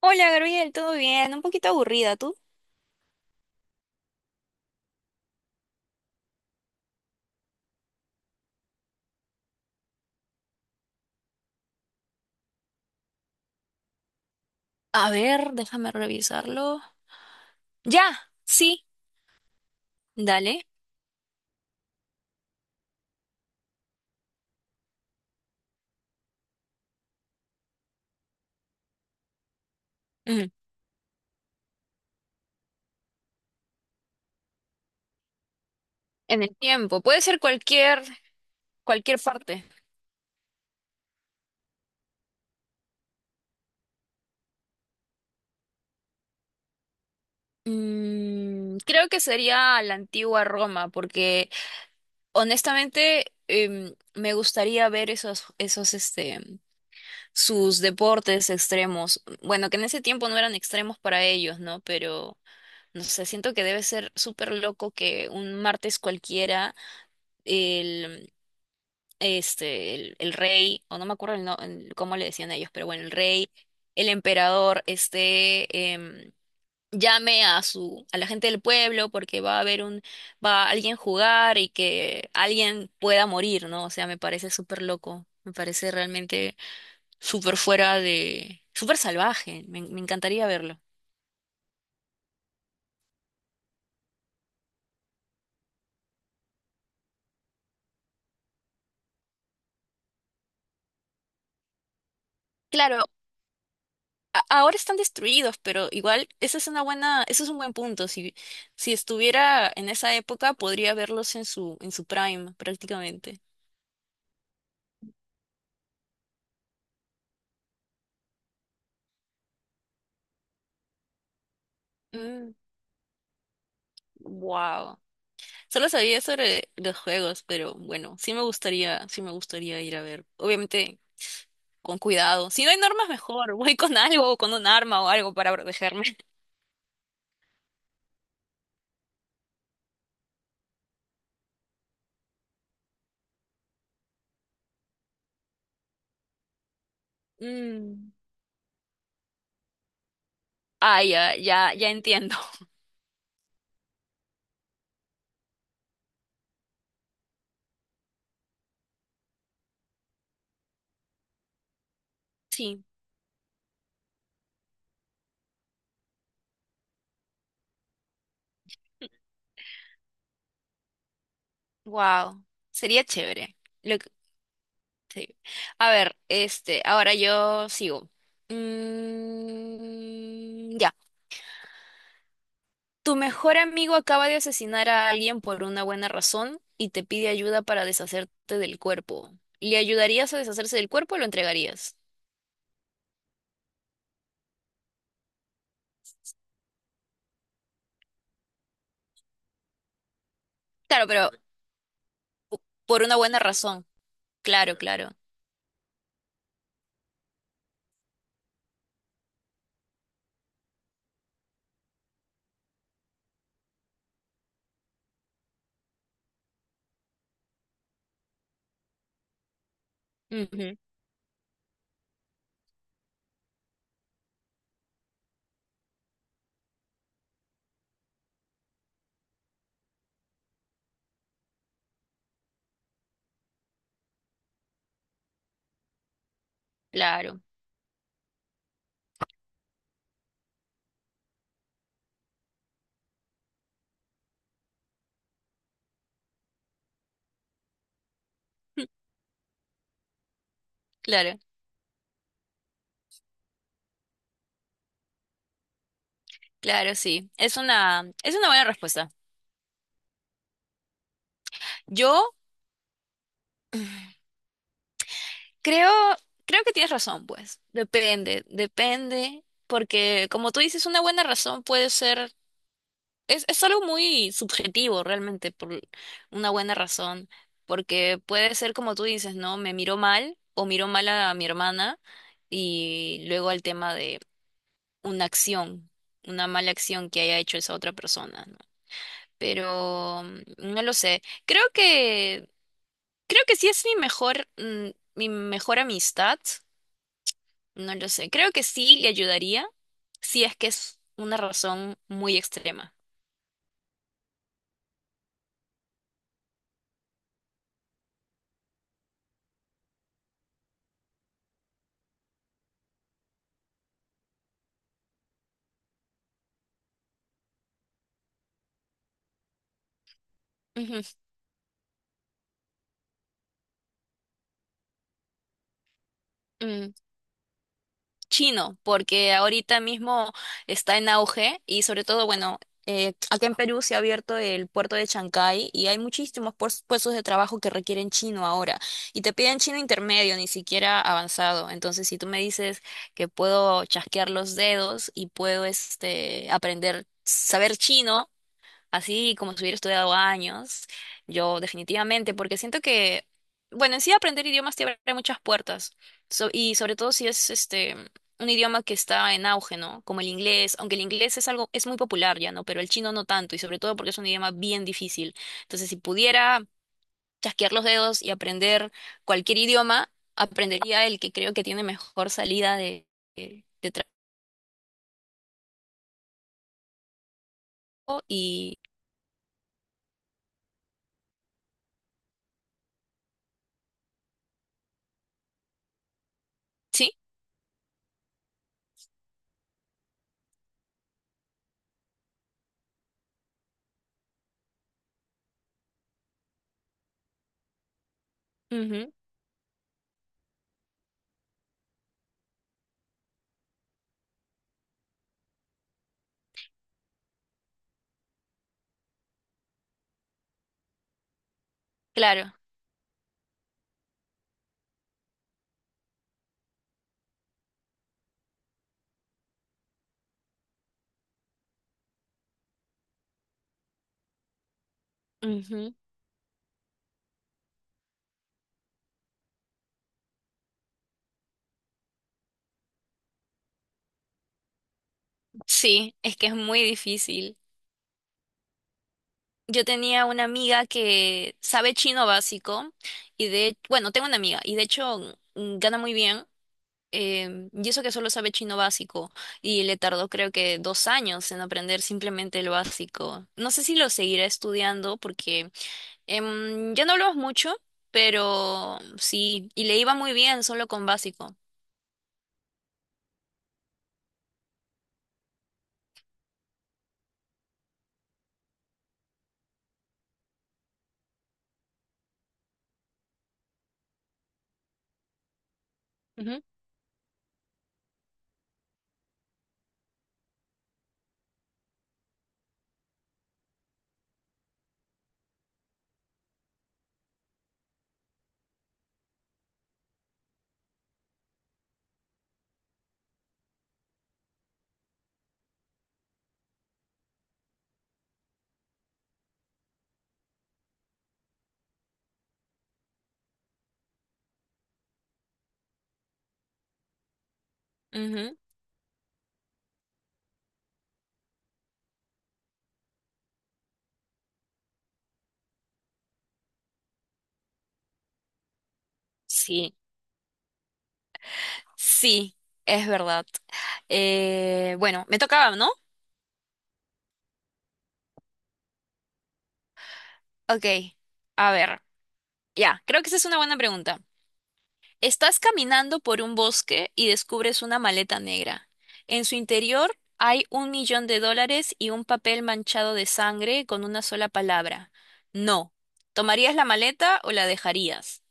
Hola Gabriel, ¿todo bien? Un poquito aburrida, ¿tú? A ver, déjame revisarlo. Ya, sí, dale. Ujú. En el tiempo, puede ser cualquier parte. Mm, creo que sería la antigua Roma, porque honestamente me gustaría ver esos, sus deportes extremos. Bueno, que en ese tiempo no eran extremos para ellos, ¿no? Pero, no sé, siento que debe ser súper loco que un martes cualquiera el rey, o no me acuerdo el no- el- cómo le decían ellos, pero bueno, el rey, el emperador, llame a la gente del pueblo porque va a alguien a jugar y que alguien pueda morir, ¿no? O sea, me parece súper loco, me parece realmente súper fuera de, súper salvaje, me encantaría verlo. Claro. Ahora están destruidos, pero igual esa es una buena, ese es un buen punto. Si, si estuviera en esa época, podría verlos en su prime, prácticamente. Mm, wow. Solo sabía sobre los juegos, pero bueno, sí me gustaría ir a ver. Obviamente, con cuidado. Si no hay normas, mejor. Voy con algo, o con un arma o algo para protegerme. Mm. Ah, ya, ya, ya entiendo. Sí, wow. Sería chévere. Sí. A ver, ahora yo sigo. Mm, ya. Tu mejor amigo acaba de asesinar a alguien por una buena razón y te pide ayuda para deshacerte del cuerpo. ¿Le ayudarías a deshacerse del cuerpo o lo entregarías? Claro, pero por una buena razón. Claro, claro. Ujú, claro, claro, claro, sí. Es una buena respuesta. Yo Creo, creo que tienes razón, pues. Depende, depende, porque como tú dices, una buena razón puede ser, es algo muy subjetivo realmente, por una buena razón, porque puede ser como tú dices, ¿no? Me miró mal o miró mal a mi hermana y luego al tema de una acción, una mala acción que haya hecho esa otra persona, ¿no? Pero no lo sé. Creo que sí es mi mejor amistad. No lo sé. Creo que sí le ayudaría si es que es una razón muy extrema. Ujú. Mm, chino, porque ahorita mismo está en auge y sobre todo, bueno, acá en Perú se ha abierto el puerto de Chancay y hay muchísimos puestos de trabajo que requieren chino ahora y te piden chino intermedio, ni siquiera avanzado. Entonces, si tú me dices que puedo chasquear los dedos y puedo aprender, saber chino, así como si hubiera estudiado años, yo definitivamente, porque siento que, bueno, en sí aprender idiomas te abre muchas puertas, y sobre todo si es un idioma que está en auge, ¿no? Como el inglés, aunque el inglés es algo, es muy popular ya, ¿no? Pero el chino no tanto, y sobre todo porque es un idioma bien difícil. Entonces, si pudiera chasquear los dedos y aprender cualquier idioma, aprendería el que creo que tiene mejor salida de, de trabajo y... Sí, ujú, claro. Sí, es que es muy difícil. Yo tenía una amiga que sabe chino básico bueno, tengo una amiga y de hecho gana muy bien. Y eso que solo sabe chino básico y le tardó creo que 2 años en aprender simplemente el básico. No sé si lo seguirá estudiando porque ya no hablamos mucho, pero sí, y le iba muy bien solo con básico. Ujú, ujú. Sí, sí, es verdad. Bueno, me tocaba, ¿no? Ok, a ver, ya, creo que esa es una buena pregunta. Estás caminando por un bosque y descubres una maleta negra. En su interior hay 1 millón de dólares y un papel manchado de sangre con una sola palabra. No. ¿Tomarías la maleta o la dejarías?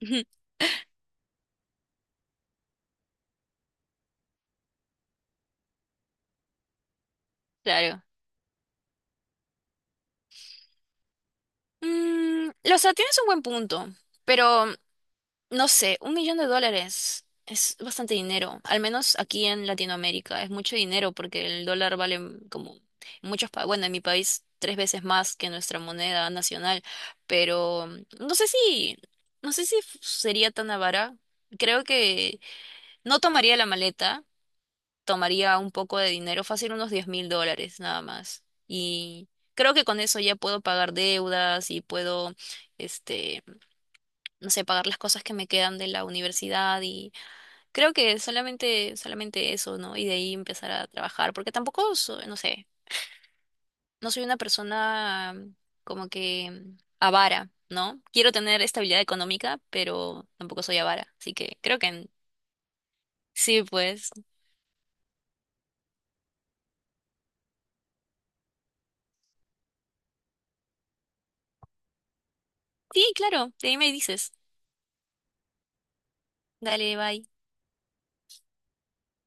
Claro. Mm, o sea, tienes un buen punto, pero no sé, 1 millón de dólares es bastante dinero, al menos aquí en Latinoamérica es mucho dinero porque el dólar vale como en muchos países, bueno, en mi país tres veces más que nuestra moneda nacional, pero no sé si, no sé si sería tan avara. Creo que no tomaría la maleta, tomaría un poco de dinero, fácil unos 10,000 dólares nada más. Y creo que con eso ya puedo pagar deudas y puedo, este no sé, pagar las cosas que me quedan de la universidad y creo que solamente eso, ¿no? Y de ahí empezar a trabajar, porque tampoco, no sé, no soy una persona como que avara, ¿no? Quiero tener estabilidad económica, pero tampoco soy avara, así que creo que sí, pues. Sí, claro, de ahí me dices. Dale, bye.